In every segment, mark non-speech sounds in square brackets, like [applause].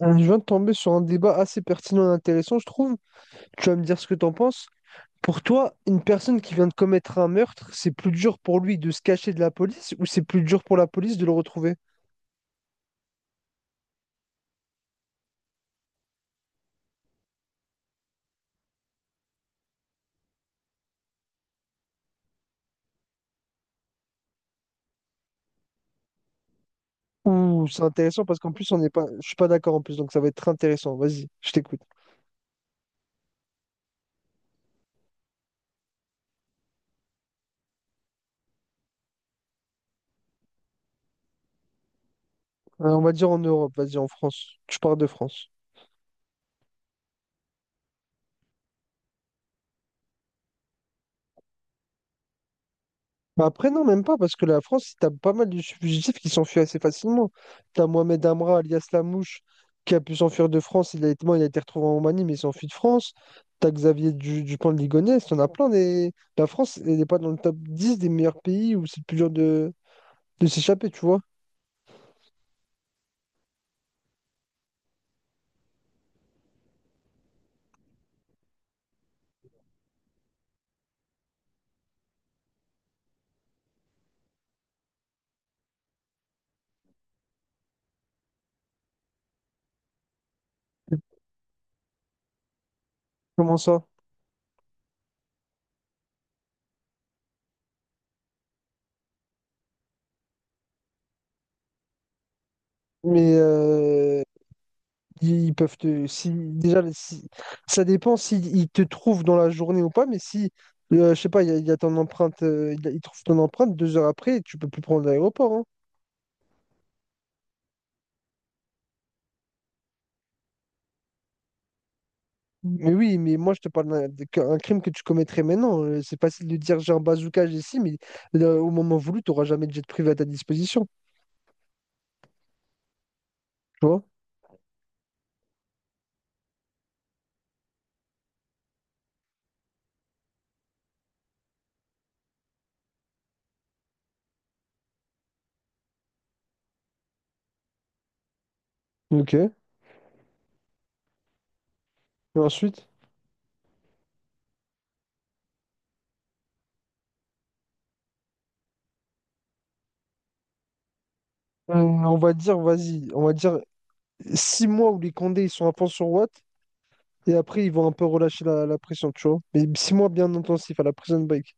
On vient de tomber sur un débat assez pertinent et intéressant, je trouve. Tu vas me dire ce que t'en penses. Pour toi, une personne qui vient de commettre un meurtre, c'est plus dur pour lui de se cacher de la police ou c'est plus dur pour la police de le retrouver? Ouh, c'est intéressant parce qu'en plus, on n'est pas, je suis pas d'accord en plus, donc ça va être très intéressant. Vas-y, je t'écoute. On va dire en Europe, vas-y, en France. Tu parles de France. Bah après, non, même pas, parce que la France, t'as pas mal de fugitifs qui s'enfuient assez facilement. T'as Mohamed Amra, alias Lamouche, qui a pu s'enfuir de France. Il a été, bon, il a été retrouvé en Roumanie, mais il s'enfuit de France. T'as Dupont de Ligonnès. T'en as plein. Des... La France, elle n'est pas dans le top 10 des meilleurs pays où c'est le plus dur de s'échapper, tu vois. Comment ça? Mais ils peuvent te. Si, déjà, si- Ça dépend s'ils te trouvent dans la journée ou pas, mais si, je sais pas, il y a ton empreinte, ils trouvent ton empreinte 2 heures après, tu peux plus prendre l'aéroport, hein. Mais oui, mais moi, je te parle qu'un crime que tu commettrais maintenant. C'est facile de dire j'ai un bazooka, j'ai ci, mais au moment voulu, tu n'auras jamais de jet privé à ta disposition. Tu vois? Ok. Et ensuite, on va dire, vas-y, on va dire 6 mois où les Condés ils sont à fond sur Watt. Et après, ils vont un peu relâcher la pression, tu vois. Mais 6 mois bien intensif à la prison break.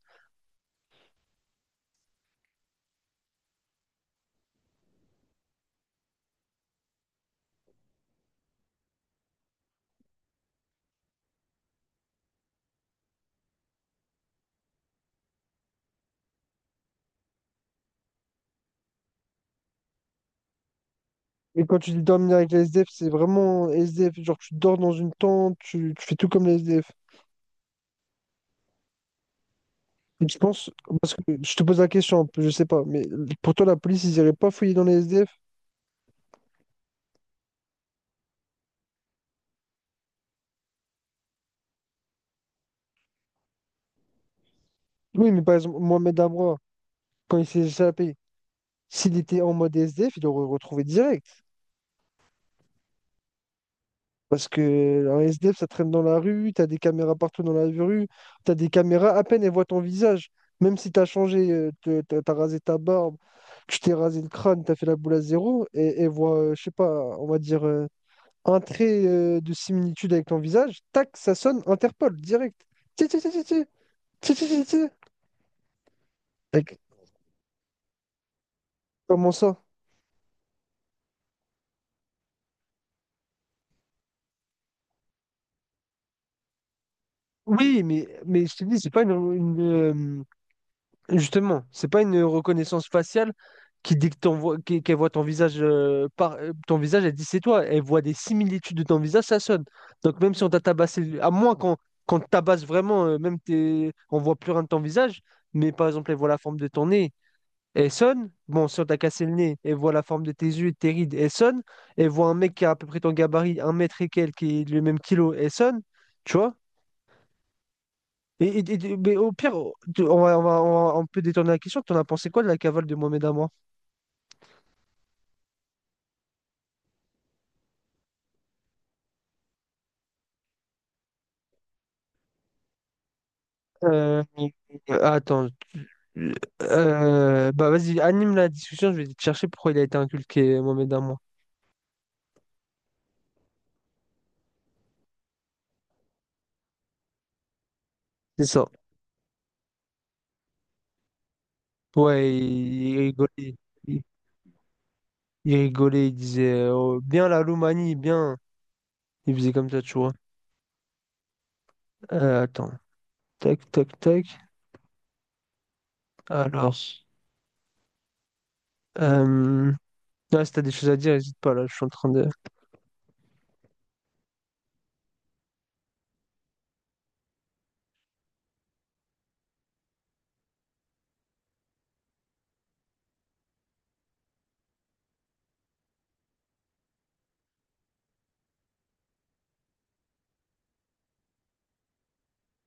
Mais quand tu dis dormir avec les SDF, c'est vraiment SDF. Genre, tu dors dans une tente, tu fais tout comme les SDF. Et tu penses, parce que je te pose la question, un peu, je sais pas, mais pour toi, la police, ils iraient pas fouiller dans les SDF? Oui, mais par exemple, Mohamed Amra, quand il s'est échappé, s'il était en mode SDF, il l'aurait retrouvé direct. Parce que un SDF, ça traîne dans la rue, t'as des caméras partout dans la rue, t'as des caméras, à peine elles voient ton visage. Même si t'as changé, t'as rasé ta barbe, tu t'es rasé le crâne, t'as fait la boule à zéro, et elles voient, je sais pas, on va dire, un trait de similitude avec ton visage, tac, ça sonne Interpol, direct. Ti, ti, ti, ti, ti, ti, ti, ti, ti. Mec, comment ça? Oui, mais je te dis, c'est pas une, justement, c'est pas une reconnaissance faciale qui dit que qu'elle voit ton visage par ton visage, elle dit c'est toi. Elle voit des similitudes de ton visage, ça sonne. Donc même si on t'a tabassé, à moins qu'on te tabasse vraiment, même t'es, on voit plus rien de ton visage, mais par exemple elle voit la forme de ton nez, elle sonne. Bon, si on t'a cassé le nez, elle voit la forme de tes yeux, et de tes rides, elle sonne. Elle voit un mec qui a à peu près ton gabarit, un mètre et quelques, qui est le même kilo, elle sonne. Tu vois? Mais au pire, on peut détourner la question. T'en as pensé quoi de la cavale de Mohamed Amour? Euh, Attends. Bah vas-y, anime la discussion. Je vais te chercher pourquoi il a été inculqué, Mohamed Amour. C'est ça. Ouais, il rigolait. Il, il rigolait. Il disait oh, bien la Roumanie, bien. Il faisait comme ça, tu vois. Attends. Tac, tac, tac. Alors. Euh... ouais, si t'as des choses à dire, n'hésite pas là. Je suis en train de.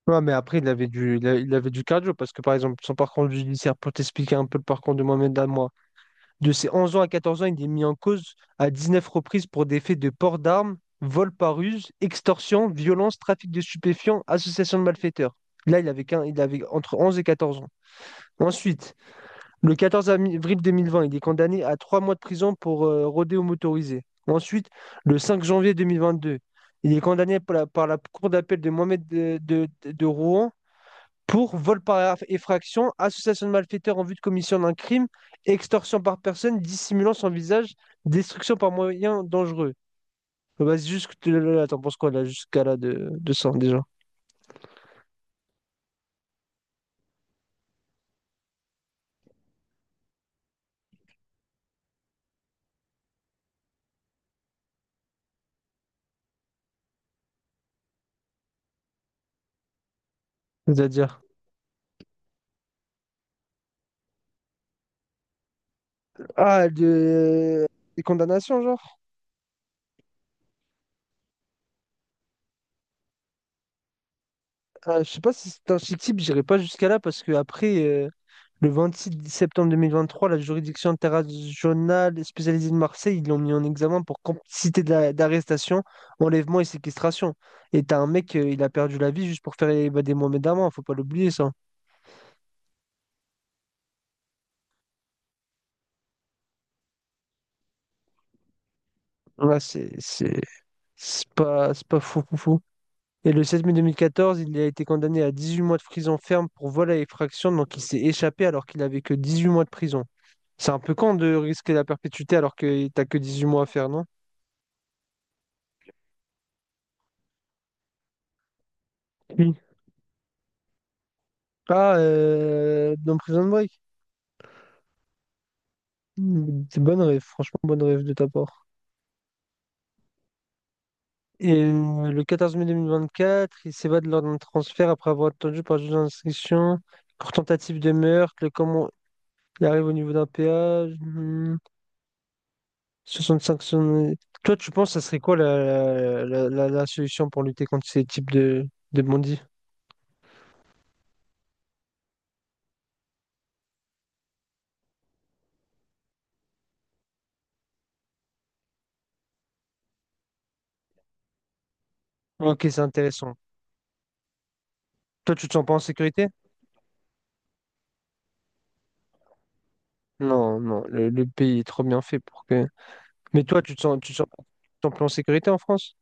Ouais, mais après, il avait du, il avait du cardio parce que, par exemple, son parcours judiciaire, pour t'expliquer un peu le parcours de Mohamed moi de ses 11 ans à 14 ans, il est mis en cause à 19 reprises pour des faits de port d'armes, vol par ruse, extorsion, violence, trafic de stupéfiants, association de malfaiteurs. Là, il avait entre 11 et 14 ans. Ensuite, le 14 avril 2020, il est condamné à 3 mois de prison pour rodéo motorisé. Ensuite, le 5 janvier 2022, il est condamné par par la cour d'appel de de Rouen pour vol par effraction, association de malfaiteurs en vue de commission d'un crime, extorsion par personne dissimulant son visage, destruction par moyen dangereux. Bah, juste, là, t'en penses quoi là, jusqu'à là de ça déjà? C'est-à-dire. Ah, de... des condamnations, genre? Ah, je sais pas si c'est un chic type, j'irai pas jusqu'à là parce que après le 26 septembre 2023, la juridiction interrégionale spécialisée de Marseille, ils l'ont mis en examen pour complicité d'arrestation, enlèvement et séquestration. Et t'as un mec, il a perdu la vie juste pour faire évader Mohamed Amman, faut pas l'oublier ça. Ouais, c'est pas fou fou fou. Et le 7 mai 2014, il a été condamné à 18 mois de prison ferme pour vol à effraction, donc il s'est échappé alors qu'il avait que 18 mois de prison. C'est un peu con de risquer la perpétuité alors que t'as que 18 mois à faire, non? Oui. Ah, dans Prison Break. Mm, c'est bonne rêve, franchement, bonne rêve de ta part. Et le 14 mai 2024, il s'évade lors d'un transfert après avoir attendu par le juge d'instruction pour tentative de meurtre. Le comment il arrive au niveau d'un péage. Hmm, cinq son- toi, tu penses, ça serait quoi la solution pour lutter contre ces types de bandits? Ok, c'est intéressant. Toi, tu te sens pas en sécurité? Non, non, le pays est trop bien fait pour que. Mais toi, tu te sens plus en sécurité en France?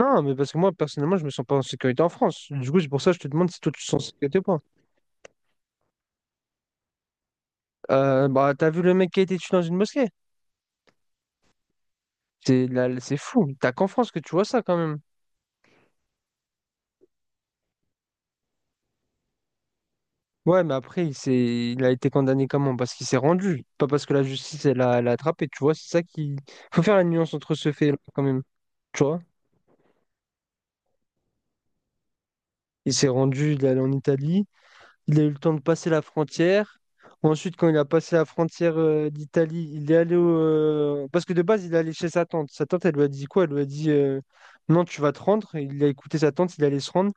Non, mais parce que moi, personnellement, je me sens pas en sécurité en France. Du coup, c'est pour ça que je te demande si toi, tu te sens en sécurité ou pas. Bah, t'as vu le mec qui a été tué dans une mosquée? C'est là, c'est fou. T'as qu'en France que tu vois ça quand même. Ouais, mais après, il a été condamné comment? Parce qu'il s'est rendu, pas parce que la justice, elle l'a attrapé. Tu vois, c'est ça qui. Faut faire la nuance entre ce fait-là quand même. Tu vois? Il s'est rendu, il est allé en Italie. Il a eu le temps de passer la frontière. Ensuite, quand il a passé la frontière d'Italie, il est allé au... parce que de base, il est allé chez sa tante. Sa tante, elle lui a dit quoi? Elle lui a dit non, tu vas te rendre. Il a écouté sa tante, il allait se rendre.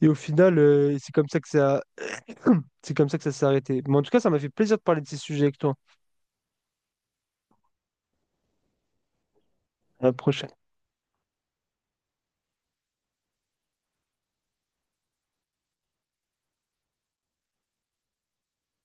Et au final, c'est comme ça que ça... [clears throat] c'est comme ça que ça s'est arrêté. Mais en tout cas, ça m'a fait plaisir de parler de ces sujets avec toi. À la prochaine.